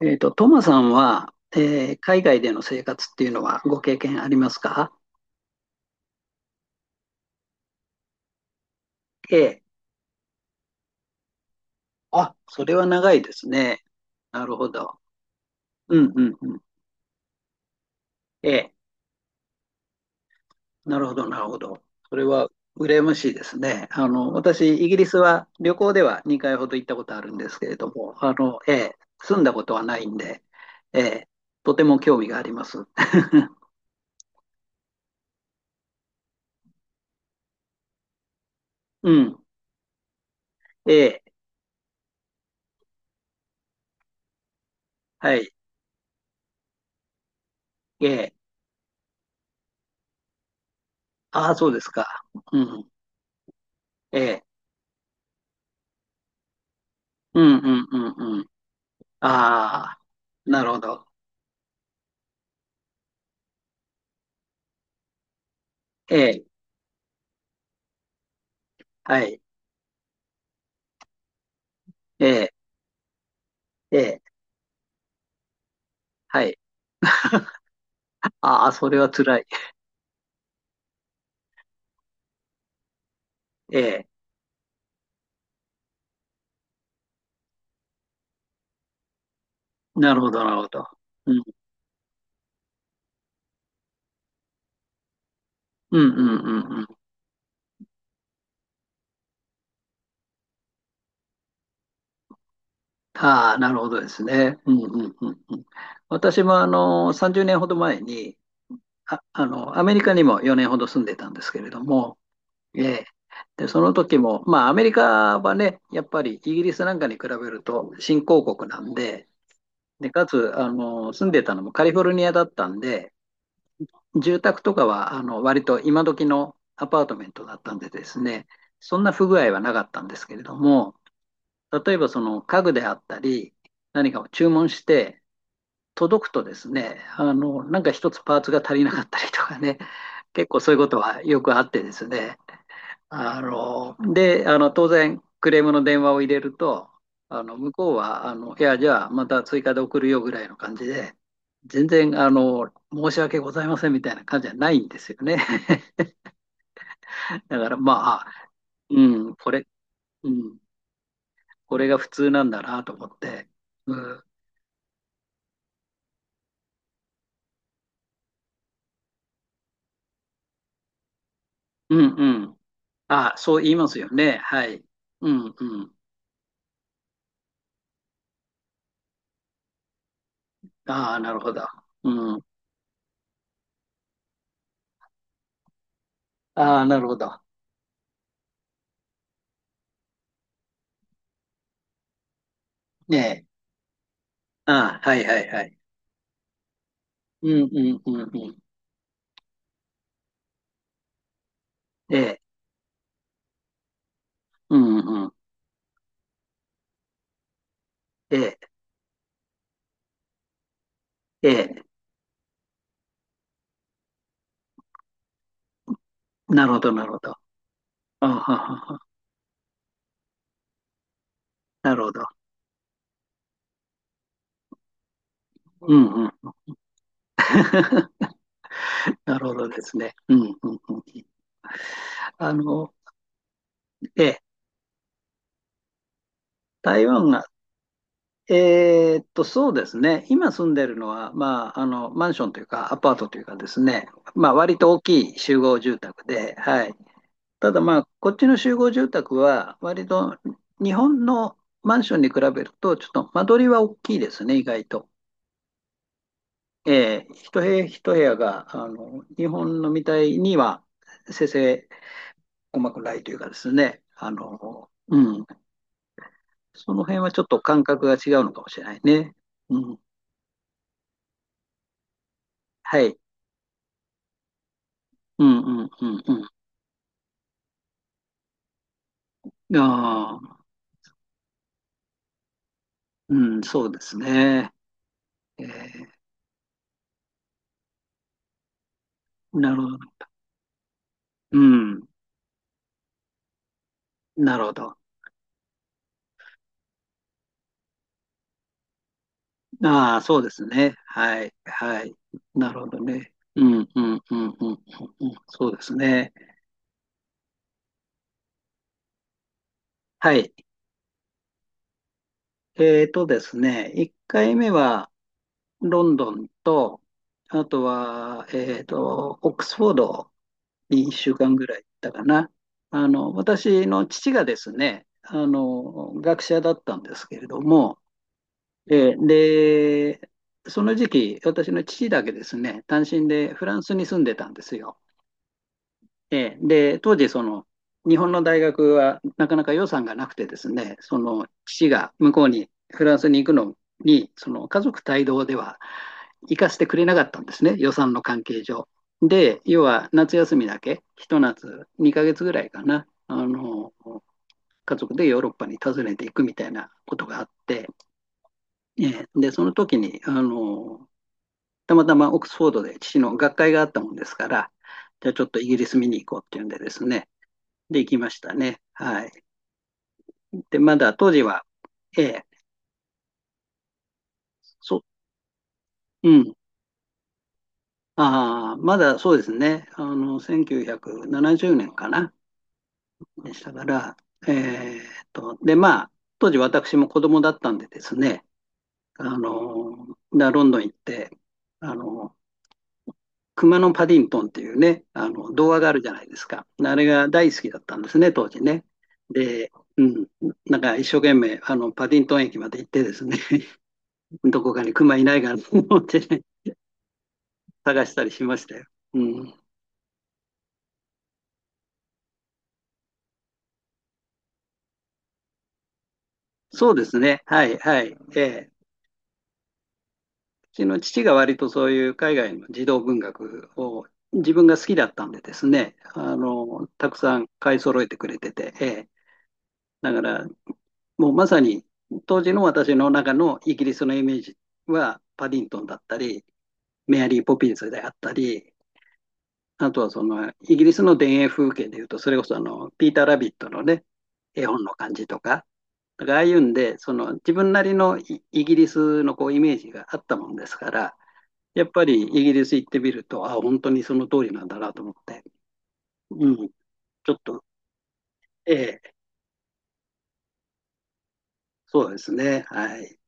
トマさんは、海外での生活っていうのはご経験ありますか？ええ。あ、それは長いですね。なるほど。うんうんうん。ええ。なるほど、なるほど。それは羨ましいですね。私、イギリスは旅行では2回ほど行ったことあるんですけれども、ええ、住んだことはないんで、ええ、とても興味があります。うん。ええ。はい。ええ。ああ、そうですか。うん。ええ。うんうんうん。ああ、なるほど。ええ、はい、ええ、ええ、はい。ああ、それは辛い。ええ、なるほど、なるほど。うん、うん、うん、うん。うん。ああ、なるほどですね。うん、うん、うん。うん。私も、30年ほど前に、アメリカにも4年ほど住んでたんですけれども、ええ、で、その時も、まあ、アメリカはね、やっぱりイギリスなんかに比べると新興国なんで、で、かつ、住んでたのもカリフォルニアだったんで、住宅とかは割と今時のアパートメントだったんでですね、そんな不具合はなかったんですけれども、例えばその家具であったり、何かを注文して、届くとですね、なんか一つパーツが足りなかったりとかね、結構そういうことはよくあってですね、あの、で、あの、当然、クレームの電話を入れると、向こうは、いや、じゃあ、また追加で送るよぐらいの感じで、全然、申し訳ございませんみたいな感じじゃないんですよね。だから、まあ、うん、これ、うん、これが普通なんだなと思って、うん、うん、うん。あ、そう言いますよね。はい。うん、うん。ああ、なるほど。うん。ああ、なるほど。ねえ。ああ、はい、はい、はい。うん、うん、うん、うん。ええ。うん、うん。ええ、ええ、なるほど、なるほど。あはははなるほど。うんうん。なるほどですね。うんうんうん。あの、ええ、台湾が、そうですね。今住んでるのは、まあ、マンションというか、アパートというかですね、まあ、割と大きい集合住宅で、はい。ただまあ、こっちの集合住宅は、割と日本のマンションに比べると、ちょっと間取りは大きいですね、意外と。え一部屋一部屋が、日本のみたいには、せせ細くないというかですね、うん、その辺はちょっと感覚が違うのかもしれないね。うん、はい。うん、うん、うん、うん。ああ、うん、そうですね。ええ、なるほど。うん、なるほど。ああ、そうですね。はい、はい。なるほどね。うん、うん、うん、うん、うん、うん。そうですねえなるほどうんなるほどああ、そうですねはい。えーとですね、1回目は、ロンドンと、あとは、オックスフォードに1週間ぐらい行ったかな。私の父がですね、学者だったんですけれども、えーで、その時期、私の父だけですね、単身でフランスに住んでたんですよ。ええ、で、当時、その、日本の大学はなかなか予算がなくてですね、その父が向こうに、フランスに行くのに、その家族帯同では行かせてくれなかったんですね、予算の関係上。で、要は夏休みだけ、一夏2ヶ月ぐらいかな、家族でヨーロッパに訪ねていくみたいなことがあって、ええで、その時に、たまたまオックスフォードで父の学会があったもんですから、じゃあちょっとイギリス見に行こうっていうんでですね、できましたね。はい。で、まだ当時は、ええ、そ、うん。ああ、まだそうですね。1970年かな。でしたから、まあ、当時私も子供だったんでですね、あの、ロンドン行って、あの、熊のパディントンっていうね、童話があるじゃないですか。あれが大好きだったんですね、当時ね。で、うん、なんか一生懸命、パディントン駅まで行ってですね、どこかに熊いないかなと思ってね、探したりしましたよ。うん。そうですね。はい、はい。うちの父が割とそういう海外の児童文学を自分が好きだったんでですね、たくさん買い揃えてくれてて、だから、もうまさに当時の私の中のイギリスのイメージは、パディントンだったり、メアリー・ポピンズであったり、あとはそのイギリスの田園風景でいうと、それこそあのピーター・ラビットのね、絵本の感じとか、だからああいうんで、その自分なりのイギリスのこうイメージがあったもんですから、やっぱりイギリス行ってみると、あ、本当にその通りなんだなと思って、うん、ちょっと、ええ、そうですね、はい。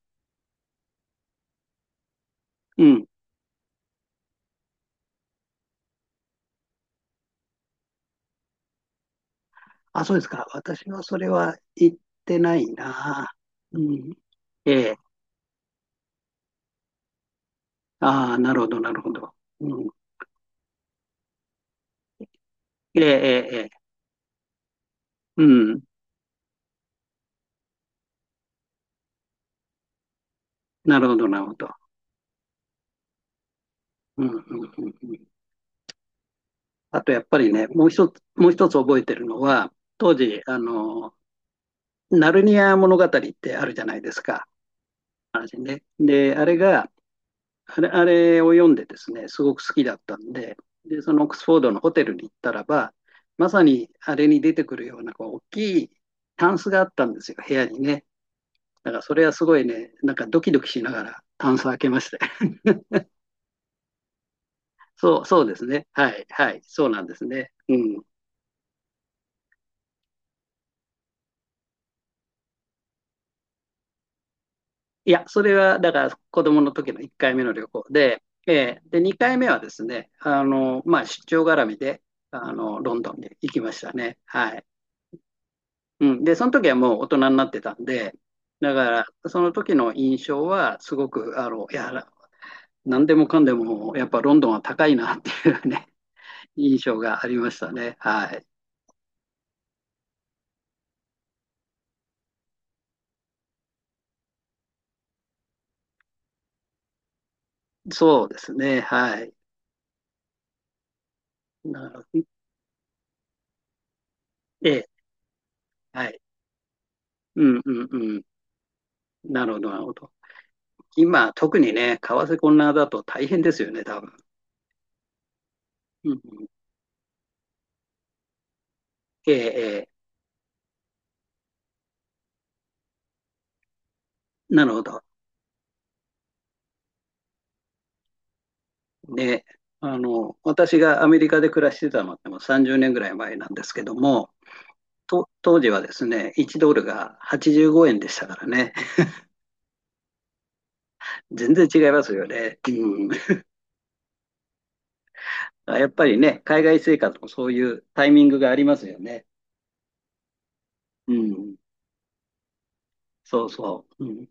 うん、あ、そうですか、私はそれは行ってないな。うん、ええ、ああ、なるほど、なるほど。うん、ええ、ええ、ええ。うん、なるほど、なるほど。うん、うん、うん。うん。あとやっぱりね、もう一つ、もう一つ覚えてるのは、当時、ナルニア物語ってあるじゃないですか。ね、で、あれが、あれを読んでですね、すごく好きだったんで、で、そのオックスフォードのホテルに行ったらば、まさにあれに出てくるようなこう大きいタンスがあったんですよ、部屋にね。だからそれはすごいね、なんかドキドキしながらタンス開けまして。そう、そうですね。はい、はい、そうなんですね。うん。いや、それはだから子供の時の1回目の旅行で、で、2回目はですね、まあ、出張絡みで、ロンドンに行きましたね。はい。うん。で、その時はもう大人になってたんで、だから、その時の印象は、すごく、いや、なんでもかんでも、やっぱロンドンは高いなっていうね、印象がありましたね。はい。そうですね。はい。なるほど。ええ、はい。うんうんうん。なるほど、なるほど。今、特にね、為替混乱だと大変ですよね、多分。うんうん、えええー、なるほど。ね、私がアメリカで暮らしてたのってもう30年ぐらい前なんですけども、と当時はですね、1ドルが85円でしたからね、全然違いますよね。うん、やっぱりね、海外生活もそういうタイミングがありますよね。うん、そうそう。うん